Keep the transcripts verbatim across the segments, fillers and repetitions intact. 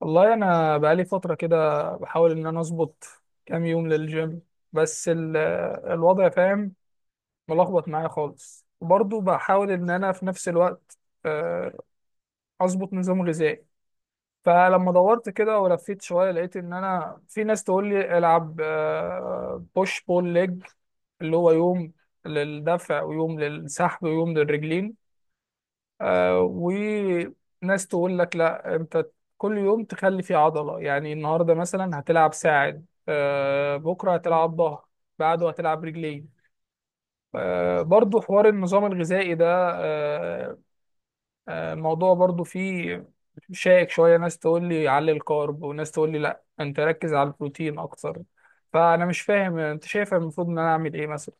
والله انا بقالي فتره كده بحاول ان انا اظبط كام يوم للجيم. بس ال- الوضع فاهم ملخبط معايا خالص، وبرضه بحاول ان انا في نفس الوقت، آه، اظبط نظام غذائي. فلما دورت كده ولفيت شويه لقيت ان انا في ناس تقول لي العب بوش بول ليج، اللي هو يوم للدفع ويوم للسحب ويوم للرجلين. آه وناس تقول لك لا، انت كل يوم تخلي فيه عضلة، يعني النهاردة مثلا هتلعب ساعد، آه بكرة هتلعب ظهر، بعده هتلعب رجلين. آه برضو حوار النظام الغذائي ده. آه آه الموضوع برضو فيه شائك شوية. ناس تقول لي علي الكارب وناس تقول لي لا، انت ركز على البروتين اكتر. فانا مش فاهم، انت شايف المفروض ان انا اعمل ايه مثلا؟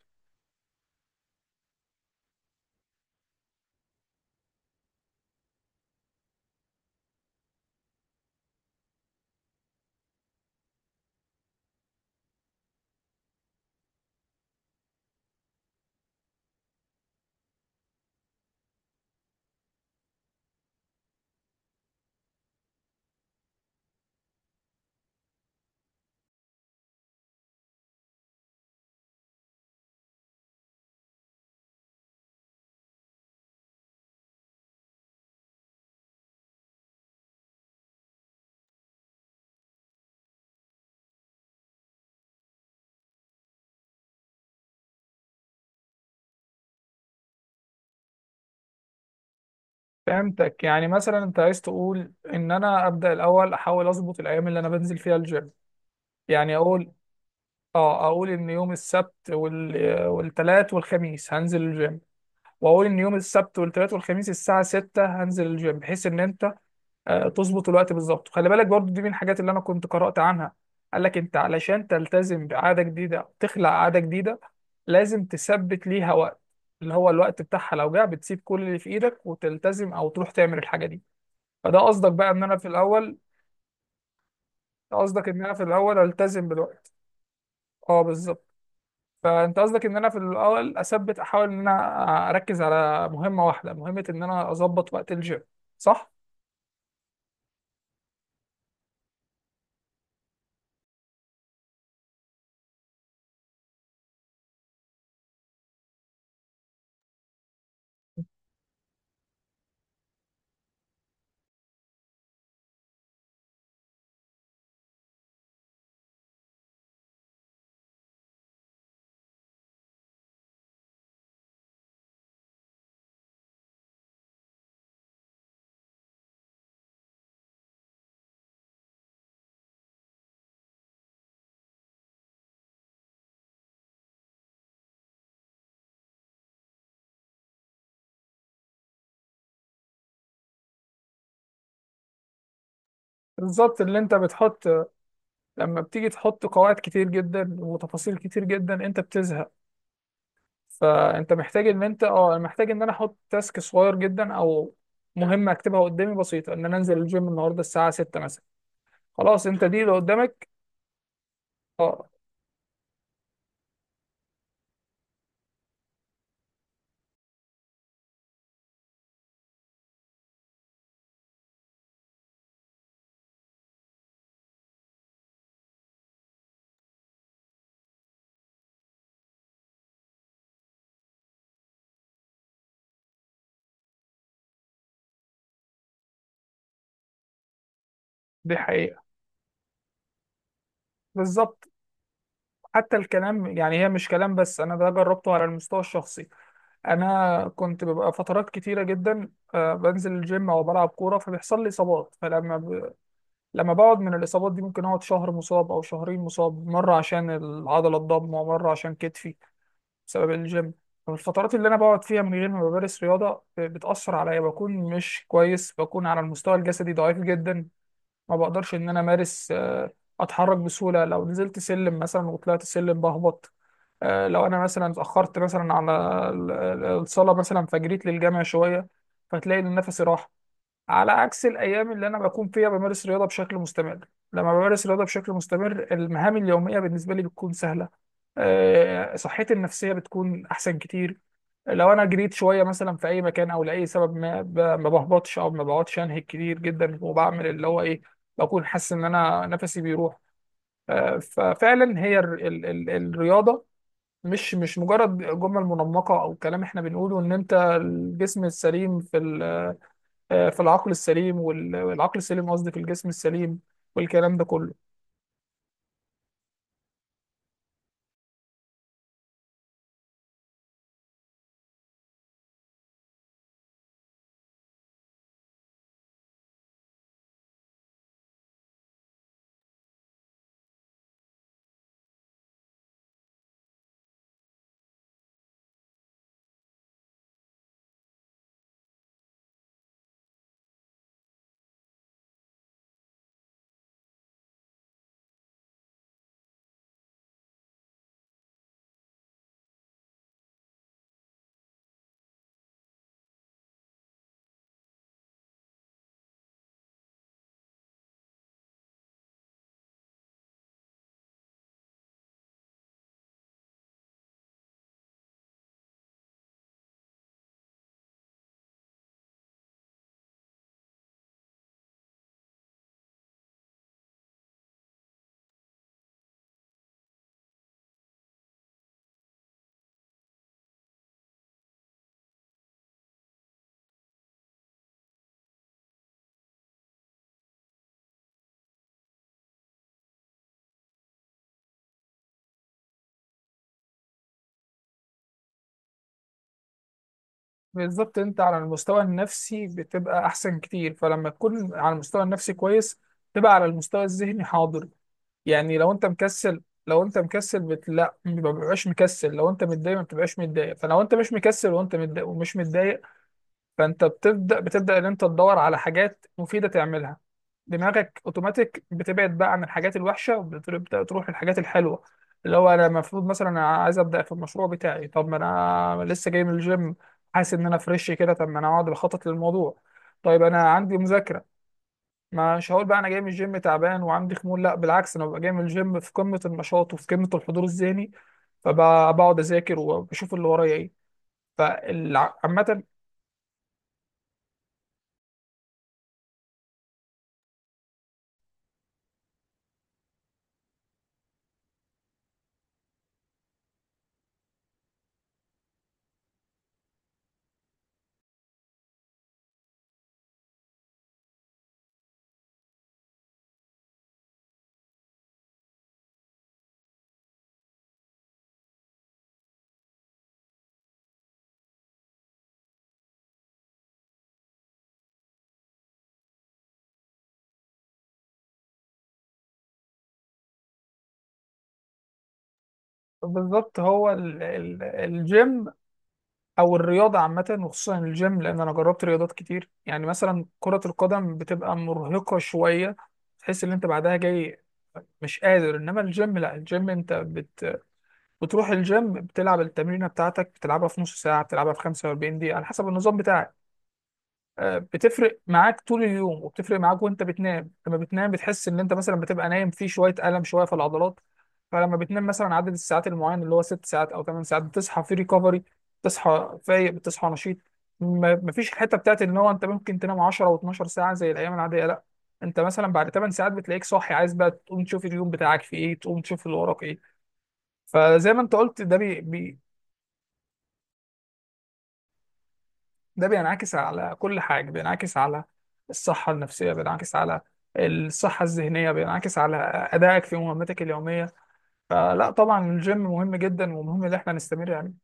فهمتك. يعني مثلا انت عايز تقول ان انا ابدا الاول احاول اظبط الايام اللي انا بنزل فيها الجيم. يعني اقول، اه اقول ان يوم السبت وال... والتلات والخميس هنزل الجيم. واقول ان يوم السبت والتلات والخميس الساعه ستة هنزل الجيم، بحيث ان انت، آه، تظبط الوقت بالظبط. خلي بالك برضو، دي من الحاجات اللي انا كنت قرأت عنها. قال لك انت علشان تلتزم بعاده جديده أو تخلق عاده جديده لازم تثبت ليها وقت، اللي هو الوقت بتاعها لو جه بتسيب كل اللي في ايدك وتلتزم او تروح تعمل الحاجه دي. فده قصدك بقى ان انا في الاول، قصدك ان انا في الاول التزم بالوقت. اه بالظبط. فانت قصدك ان انا في الاول اثبت، احاول ان انا اركز على مهمه واحده، مهمه ان انا اظبط وقت الجيم، صح؟ بالظبط. اللي انت بتحط، لما بتيجي تحط قواعد كتير جدا وتفاصيل كتير جدا انت بتزهق. فانت محتاج ان انت اه محتاج ان انا احط تاسك صغير جدا، او مهمه اكتبها قدامي بسيطه، ان انا انزل الجيم النهارده الساعه ستة مثلا، خلاص انت دي اللي قدامك. اه دي حقيقه. بالظبط. حتى الكلام، يعني هي مش كلام بس، انا ده جربته على المستوى الشخصي. انا كنت ببقى فترات كتيره جدا، آه، بنزل الجيم او بلعب كوره فبيحصل لي اصابات. فلما ب... لما بقعد من الاصابات دي ممكن اقعد شهر مصاب او شهرين مصاب، مره عشان العضله الضامه ومره عشان كتفي، بسبب الجيم. فالفترات اللي انا بقعد فيها من غير ما بمارس رياضه، آه، بتاثر عليا، بكون مش كويس، بكون على المستوى الجسدي ضعيف جدا. ما بقدرش ان انا امارس، آه، اتحرك بسهوله. لو نزلت سلم مثلا وطلعت سلم بهبط. آه، لو انا مثلا اتاخرت مثلا على ال- ال- الصلاه مثلا فجريت للجامع شويه فتلاقي ان نفسي راح. على عكس الايام اللي انا بكون فيها بمارس رياضه بشكل مستمر، لما بمارس رياضه بشكل مستمر المهام اليوميه بالنسبه لي بتكون سهله. آه، صحتي النفسيه بتكون احسن كتير. لو انا جريت شويه مثلا في اي مكان او لاي سبب، ما ب- ما بهبطش او ما بقعدش، انهك كتير جدا، وبعمل اللي هو ايه، بكون حاسس ان انا نفسي بيروح. آه، ففعلا هي ال- ال- ال- الرياضه مش مش مجرد جمل منمقة أو كلام إحنا بنقوله إن أنت الجسم السليم في ال- آه، في العقل السليم، وال- والعقل السليم، قصدي في الجسم السليم، والكلام ده كله. بالظبط. أنت على المستوى النفسي بتبقى أحسن كتير، فلما تكون على المستوى النفسي كويس تبقى على المستوى الذهني حاضر. يعني لو أنت مكسل لو أنت مكسل، بت... لا، ما بتبقاش مكسل. لو أنت متضايق، ما بتبقاش متضايق. فلو أنت مش مكسل وأنت متضايق ومش متضايق، فانت بتبدا بتبدا ان انت تدور على حاجات مفيده تعملها. دماغك اوتوماتيك بتبعد بقى عن الحاجات الوحشه وبتبدا تروح للحاجات الحلوه. اللي هو انا المفروض مثلا، انا عايز ابدا في المشروع بتاعي، طب ما انا لسه جاي من الجيم حاسس ان انا فريش كده، طب ما انا اقعد بخطط للموضوع. طيب انا عندي مذاكره، مش هقول بقى انا جاي من الجيم تعبان وعندي خمول، لا بالعكس، انا ببقى جاي من الجيم في قمه النشاط وفي قمه الحضور الذهني، فبقعد اذاكر وبشوف اللي ورايا ايه. فعامة، بالظبط هو ال- ال- الجيم او الرياضه عامه، وخصوصا الجيم، لان انا جربت رياضات كتير. يعني مثلا كره القدم بتبقى مرهقه شويه، تحس ان انت بعدها جاي مش قادر، انما الجيم لا. الجيم انت بت... بتروح الجيم بتلعب التمرينه بتاعتك، بتلعبها في نص ساعه، بتلعبها في خمسة وأربعين دقيقه على حسب النظام بتاعك. آه، بتفرق معاك طول اليوم، وبتفرق معاك وانت بتنام. لما بتنام بتحس ان انت مثلا بتبقى نايم في شويه الم، شويه في العضلات. فلما بتنام مثلا عدد الساعات المعين، اللي هو ست ساعات او ثمان ساعات، بتصحى في ريكفري، بتصحى فايق، بتصحى نشيط. ما- مفيش الحته بتاعت ان هو انت ممكن تنام عشرة و12 ساعه زي الايام العاديه، لا. انت مثلا بعد ثمان ساعات بتلاقيك صاحي، عايز بقى تقوم تشوف اليوم بتاعك في ايه، تقوم تشوف اللي وراك ايه. فزي ما انت قلت، ده بي بي، ده بينعكس على كل حاجة. بينعكس على الصحة النفسية، بينعكس على الصحة الذهنية، بينعكس على أدائك في مهمتك اليومية. فلا، طبعا الجيم مهم جدا، ومهم إن احنا نستمر يعني.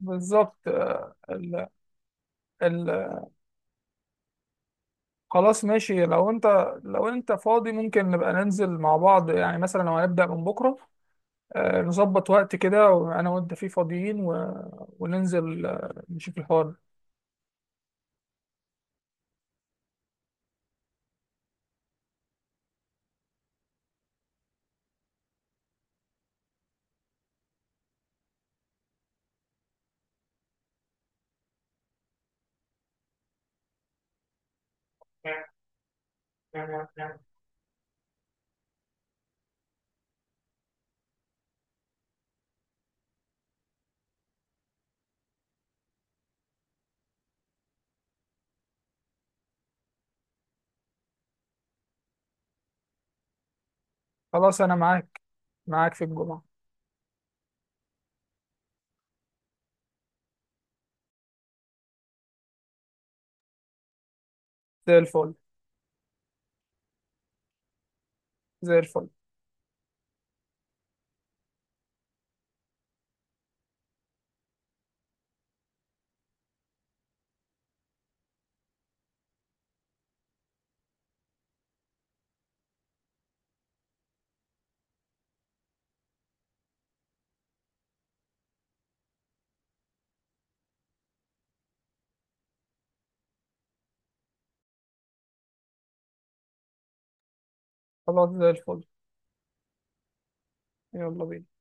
بالظبط. آه، ال... ال... خلاص ماشي. لو انت لو انت فاضي ممكن نبقى ننزل مع بعض، يعني مثلا لو هنبدأ من بكرة، آه، نظبط وقت كده وانا وانت فيه فاضيين، و... وننزل آه، نشوف الحوار. خلاص انا معاك. معاك في الجمعة. زي الفل. زي الفل. خلاص زي الفل. يلا بينا.